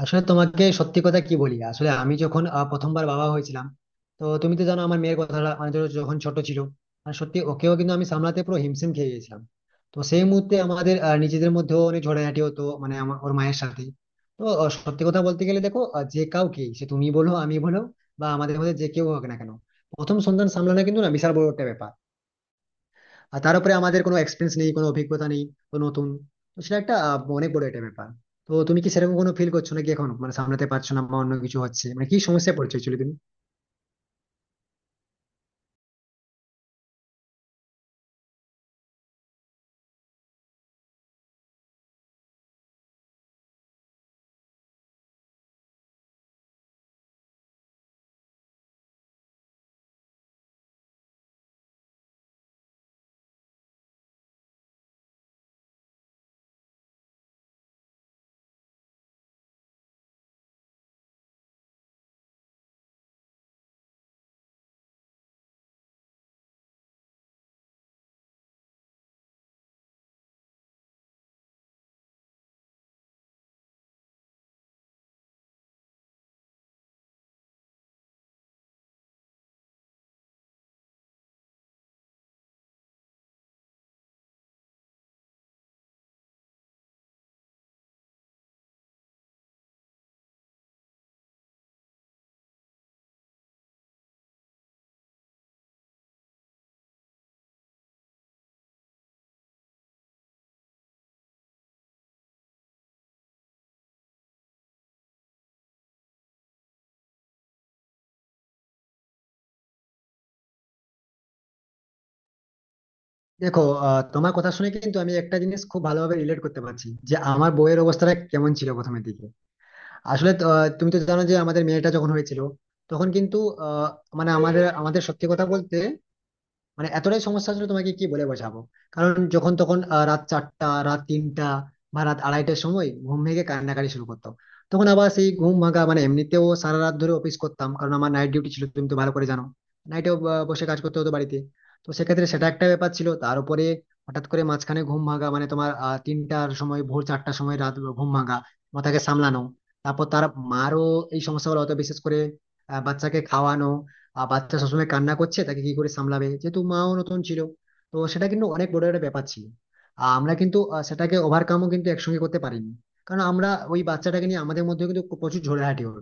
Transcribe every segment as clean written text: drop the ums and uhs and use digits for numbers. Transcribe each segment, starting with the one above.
আসলে তোমাকে সত্যি কথা কি বলি, আসলে আমি যখন প্রথমবার বাবা হয়েছিলাম, তো তুমি তো জানো আমার মেয়ের কথাটা, মানে ধরো যখন ছোট ছিল, মানে সত্যি ওকেও কিন্তু আমি সামলাতে পুরো হিমশিম খেয়ে গেছিলাম। তো সেই মুহূর্তে আমাদের নিজেদের মধ্যেও অনেক ঝগড়াঝাটি হতো, মানে আমার ওর মায়ের সাথে। তো সত্যি কথা বলতে গেলে দেখো, যে কাউকে, সে তুমি বলো আমি বলো, বা আমাদের মধ্যে যে কেউ হোক না কেন, প্রথম সন্তান সামলানো কিন্তু না বিশাল বড় একটা ব্যাপার। আর তার উপরে আমাদের কোনো এক্সপিরিয়েন্স নেই, কোনো অভিজ্ঞতা নেই, তো নতুন। তো সেটা একটা অনেক বড় একটা ব্যাপার। তো তুমি কি সেরকম কোনো ফিল করছো নাকি এখন, মানে সামলাতে পারছো না বা অন্য কিছু হচ্ছে, মানে কি সমস্যায় পড়ছো অ্যাকচুয়ালি তুমি? দেখো, তোমার কথা শুনে কিন্তু আমি একটা জিনিস খুব ভালোভাবে রিলেট করতে পারছি যে আমার বইয়ের অবস্থাটা কেমন ছিল প্রথমের দিকে। আসলে তো, তুমি তো জানো যে আমাদের মেয়েটা যখন হয়েছিল তখন কিন্তু আহ, মানে আমাদের আমাদের সত্যি কথা বলতে মানে এতটাই সমস্যা ছিল তোমাকে কি বলে বোঝাবো। কারণ যখন তখন রাত 4টা রাত 3টা বা রাত আড়াইটার সময় ঘুম ভেঙে কান্নাকাটি শুরু করতো। তখন আবার সেই ঘুম ভাঙা, মানে এমনিতেও সারা রাত ধরে অফিস করতাম, কারণ আমার নাইট ডিউটি ছিল, তুমি তো ভালো করে জানো নাইটেও বসে কাজ করতে হতো বাড়িতে। তো সেক্ষেত্রে সেটা একটা ব্যাপার ছিল, তার উপরে হঠাৎ করে মাঝখানে ঘুম ভাঙা, মানে তোমার 3টার সময় ভোর 4টার সময় রাত ঘুম ভাঙা, মাথাকে সামলানো, তারপর তার মারও এই সমস্যাগুলো হতো, বিশেষ করে বাচ্চাকে খাওয়ানো। আর বাচ্চা সবসময় কান্না করছে, তাকে কি করে সামলাবে, যেহেতু মাও নতুন ছিল। তো সেটা কিন্তু অনেক বড় একটা ব্যাপার ছিল। আর আমরা কিন্তু সেটাকে ওভারকামও কিন্তু একসঙ্গে করতে পারিনি, কারণ আমরা ওই বাচ্চাটাকে নিয়ে আমাদের মধ্যে কিন্তু প্রচুর ঝগড়াঝাটি হলো।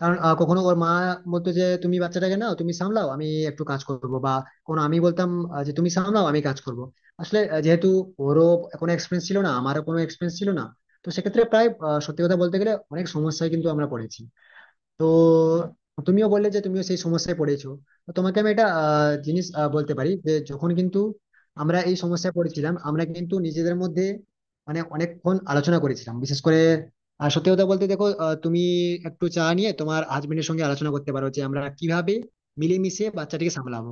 কারণ কখনো ওর মা বলতো যে তুমি বাচ্চাটাকে নাও, তুমি সামলাও, আমি একটু কাজ করবো, বা কোনো আমি বলতাম যে তুমি সামলাও আমি কাজ করবো। আসলে যেহেতু ওরও কোনো এক্সপিরিয়েন্স ছিল না, আমারও কোনো এক্সপিরিয়েন্স ছিল না, তো সেক্ষেত্রে প্রায় সত্যি কথা বলতে গেলে অনেক সমস্যায় কিন্তু আমরা পড়েছি। তো তুমিও বললে যে তুমিও সেই সমস্যায় পড়েছো। তো তোমাকে আমি একটা জিনিস বলতে পারি, যে যখন কিন্তু আমরা এই সমস্যায় পড়েছিলাম, আমরা কিন্তু নিজেদের মধ্যে মানে অনেকক্ষণ আলোচনা করেছিলাম, বিশেষ করে সত্যি কথা বলতে দেখো, তুমি একটু চা নিয়ে তোমার হাজবেন্ডের সঙ্গে আলোচনা করতে পারো যে আমরা কিভাবে মিলেমিশে বাচ্চাটিকে সামলাবো।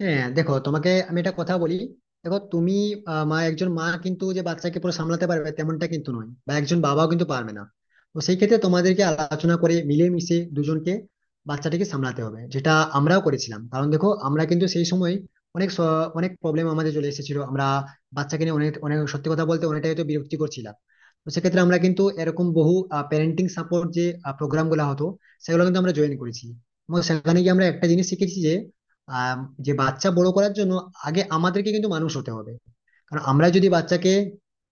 হ্যাঁ, দেখো তোমাকে আমি একটা কথা বলি। দেখো তুমি, মা, একজন মা কিন্তু যে বাচ্চাকে পুরো সামলাতে পারবে তেমনটা কিন্তু নয়, বা একজন বাবাও কিন্তু পারবে না। তো সেই ক্ষেত্রে তোমাদেরকে আলোচনা করে মিলেমিশে দুজনকে বাচ্চাটিকে সামলাতে হবে, যেটা আমরাও করেছিলাম। কারণ দেখো আমরা কিন্তু সেই সময় অনেক অনেক প্রবলেম আমাদের চলে এসেছিল, আমরা বাচ্চাকে নিয়ে অনেক অনেক সত্যি কথা বলতে অনেকটাই হয়তো বিরক্তি করছিলাম। তো সেক্ষেত্রে আমরা কিন্তু এরকম বহু প্যারেন্টিং সাপোর্ট, যে প্রোগ্রাম গুলো হতো সেগুলো কিন্তু আমরা জয়েন করেছি, এবং সেখানে গিয়ে আমরা একটা জিনিস শিখেছি, আহ যে বাচ্চা বড় করার জন্য আগে আমাদেরকে কিন্তু মানুষ হতে হবে। কারণ আমরা যদি বাচ্চাকে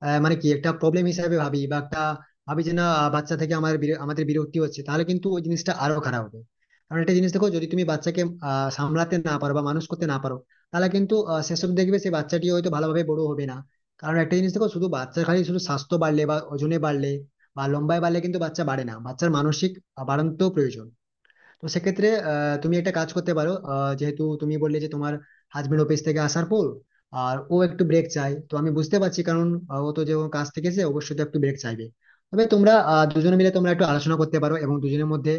মানে কি একটা প্রবলেম হিসাবে ভাবি, বা একটা ভাবি যে না, বাচ্চা থেকে আমার আমাদের বিরক্তি হচ্ছে, তাহলে কিন্তু ওই জিনিসটা আরো খারাপ হবে। কারণ একটা জিনিস দেখো, যদি তুমি বাচ্চাকে সামলাতে না পারো বা মানুষ করতে না পারো, তাহলে কিন্তু সেসব দেখবে সেই বাচ্চাটি হয়তো ভালোভাবে বড় হবে না। কারণ একটা জিনিস দেখো, শুধু বাচ্চার খালি শুধু স্বাস্থ্য বাড়লে বা ওজনে বাড়লে বা লম্বায় বাড়লে কিন্তু বাচ্চা বাড়ে না, বাচ্চার মানসিক বাড়ন্ত প্রয়োজন। তো সেক্ষেত্রে তুমি একটা কাজ করতে পারো, যেহেতু তুমি বললে যে তোমার হাজবেন্ড অফিস থেকে আসার পর আর ও একটু ব্রেক চায়, তো আমি বুঝতে পারছি, কারণ ও তো যে কাজ থেকে এসে অবশ্যই তো একটু ব্রেক চাইবে। তবে তোমরা দুজনে মিলে তোমরা একটু আলোচনা করতে পারো এবং দুজনের মধ্যে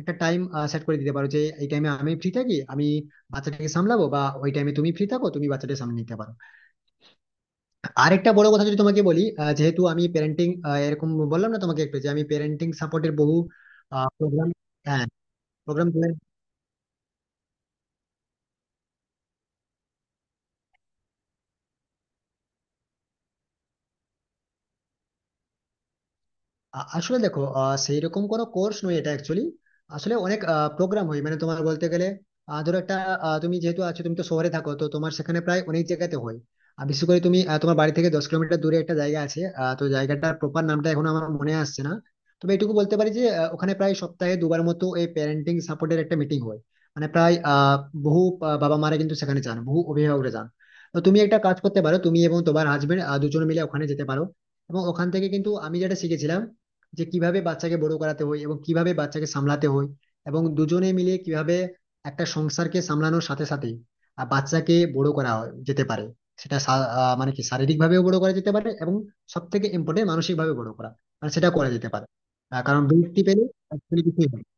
একটা টাইম সেট করে দিতে পারো যে এই টাইমে আমি ফ্রি থাকি আমি বাচ্চাটাকে সামলাবো, বা ওই টাইমে তুমি ফ্রি থাকো তুমি বাচ্চাটাকে সামলে নিতে পারো। আরেকটা বড় কথা যদি তোমাকে বলি, যেহেতু আমি প্যারেন্টিং এরকম বললাম না তোমাকে একটু, যে আমি প্যারেন্টিং সাপোর্টের বহু প্রোগ্রাম, হ্যাঁ প্রোগ্রাম। আসলে দেখো, সেই রকম কোনো কোর্স নয় এটা অ্যাকচুয়ালি। আসলে অনেক প্রোগ্রাম হয়, মানে তোমার বলতে গেলে ধরো একটা, তুমি যেহেতু আছো তুমি তো শহরে থাকো, তো তোমার সেখানে প্রায় অনেক জায়গাতে হয়। আর বিশেষ করে তুমি, তোমার বাড়ি থেকে 10 কিলোমিটার দূরে একটা জায়গা আছে, তো জায়গাটার প্রপার নামটা এখনো আমার মনে আসছে না। তবে এটুকু বলতে পারি যে ওখানে প্রায় সপ্তাহে দুবার মতো এই প্যারেন্টিং সাপোর্টের একটা মিটিং হয়। মানে প্রায় বহু বাবা মারা কিন্তু সেখানে যান, বহু অভিভাবকরা যান। তো তুমি একটা কাজ করতে পারো, তুমি এবং তোমার হাজবেন্ড দুজন মিলে ওখানে যেতে পারো। এবং ওখান থেকে কিন্তু আমি যেটা শিখেছিলাম, যে কিভাবে বাচ্চাকে বড় করাতে হয় এবং কিভাবে বাচ্চাকে সামলাতে হয়, এবং দুজনে মিলে কিভাবে একটা সংসারকে সামলানোর সাথে সাথে বাচ্চাকে বড় যেতে পারে। সেটা মানে কি শারীরিক ভাবেও বড় করা যেতে পারে, এবং সব থেকে ইম্পর্টেন্ট মানসিক ভাবে বড় করা, মানে সেটা করা যেতে পারে। কারণ বৃত্তি পেলে actually কিছুই হয় না।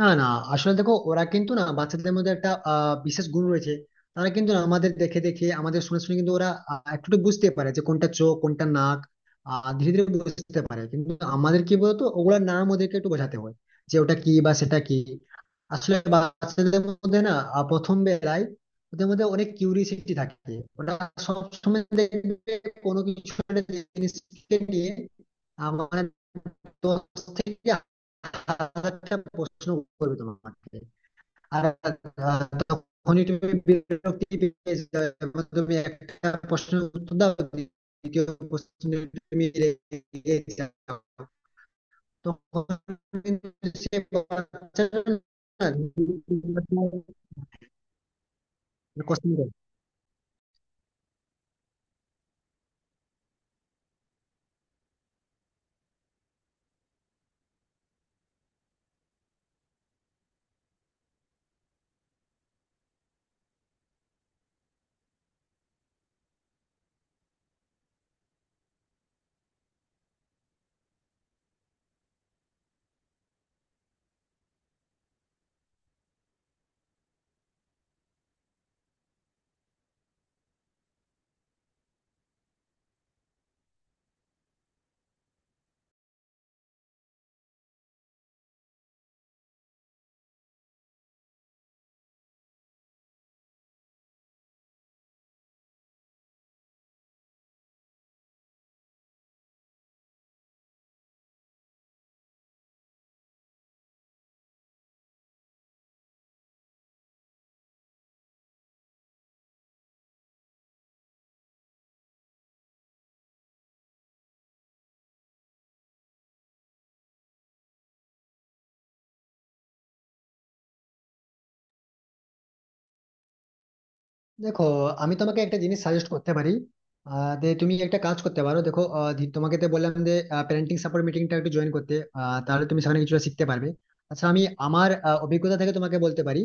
না না, আসলে দেখো ওরা কিন্তু না, বাচ্চাদের মধ্যে একটা বিশেষ গুণ রয়েছে। তারা কিন্তু না আমাদের দেখে দেখে আমাদের শুনে শুনে কিন্তু ওরা একটু একটু বুঝতে পারে যে কোনটা চোখ কোনটা নাক। ধীরে ধীরে বুঝতে পারে, কিন্তু আমাদের কি বলতো, ওগুলোর নাম ওদেরকে একটু বোঝাতে হয়, যে ওটা কি বা সেটা কি। আসলে বাচ্চাদের মধ্যে না প্রথম বেলায় ওদের মধ্যে অনেক কিউরিসিটি থাকে। ওটা সবসময় দেখবে কোনো কিছু একটা জিনিসকে নিয়ে আমার দশ থেকে হাজারটা প্রশ্ন করবে তোমাকে। আর তখনই তুমি বিরক্তি পেয়ে যাবে, যখন তুমি একটা প্রশ্নের উত্তর দাও, দ্বিতীয় প্রশ্নে তুমি রেগে যাও, তখন কিন্তু সে বাচ্চাটা না, question করে। দেখো, আমি তোমাকে একটা জিনিস সাজেস্ট করতে পারি, যে তুমি একটা কাজ করতে পারো। দেখো, তোমাকে তো বললাম যে প্যারেন্টিং সাপোর্ট মিটিংটা একটু জয়েন করতে, তাহলে তুমি সেখানে কিছুটা শিখতে পারবে। আচ্ছা আমি আমার অভিজ্ঞতা থেকে তোমাকে বলতে পারি,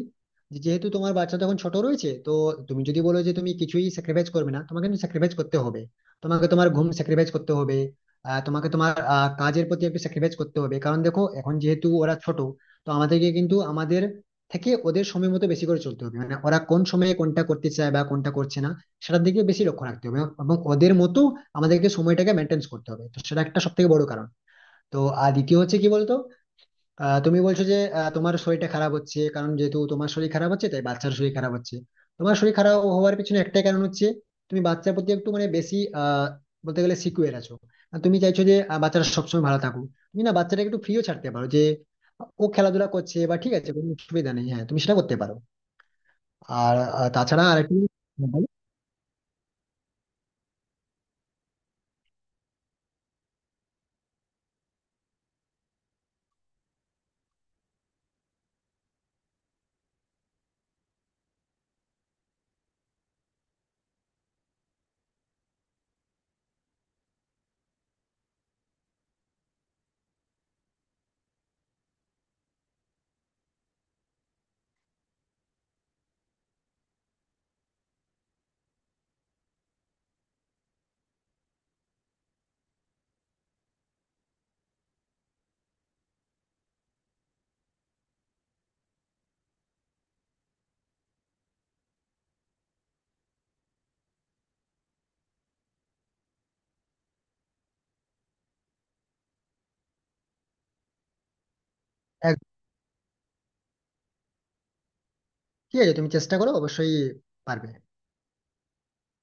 যে যেহেতু তোমার বাচ্চা তখন ছোট রয়েছে, তো তুমি যদি বলো যে তুমি কিছুই স্যাক্রিফাইস করবে না, তোমাকে কিন্তু স্যাক্রিফাইস করতে হবে। তোমাকে তোমার ঘুম স্যাক্রিফাইস করতে হবে, তোমাকে তোমার কাজের প্রতি একটু স্যাক্রিফাইস করতে হবে, কারণ দেখো এখন যেহেতু ওরা ছোট। তো আমাদেরকে কিন্তু আমাদের থেকে ওদের সময় মতো বেশি করে চলতে হবে, মানে ওরা কোন সময়ে কোনটা করতে চায় বা কোনটা করছে না সেটার দিকে বেশি লক্ষ্য রাখতে হবে, এবং ওদের মতো আমাদেরকে সময়টাকে মেনটেন করতে হবে। তো সেটা একটা সব থেকে বড় কারণ। তো আর দ্বিতীয় হচ্ছে কি বলতো, তুমি বলছো যে তোমার শরীরটা খারাপ হচ্ছে, কারণ যেহেতু তোমার শরীর খারাপ হচ্ছে তাই বাচ্চার শরীর খারাপ হচ্ছে। তোমার শরীর খারাপ হওয়ার পিছনে একটাই কারণ হচ্ছে, তুমি বাচ্চার প্রতি একটু মানে বেশি বলতে গেলে সিকিউর আছো। আর তুমি চাইছো যে বাচ্চাটা সবসময় ভালো থাকুক। তুমি না বাচ্চাটাকে একটু ফ্রিও ছাড়তে পারো যে ও খেলাধুলা করছে বা ঠিক আছে কোনো অসুবিধা নেই, হ্যাঁ তুমি সেটা করতে পারো। আর তাছাড়া আর একটু ঠিক আছে, তুমি চেষ্টা করো, অবশ্যই পারবে।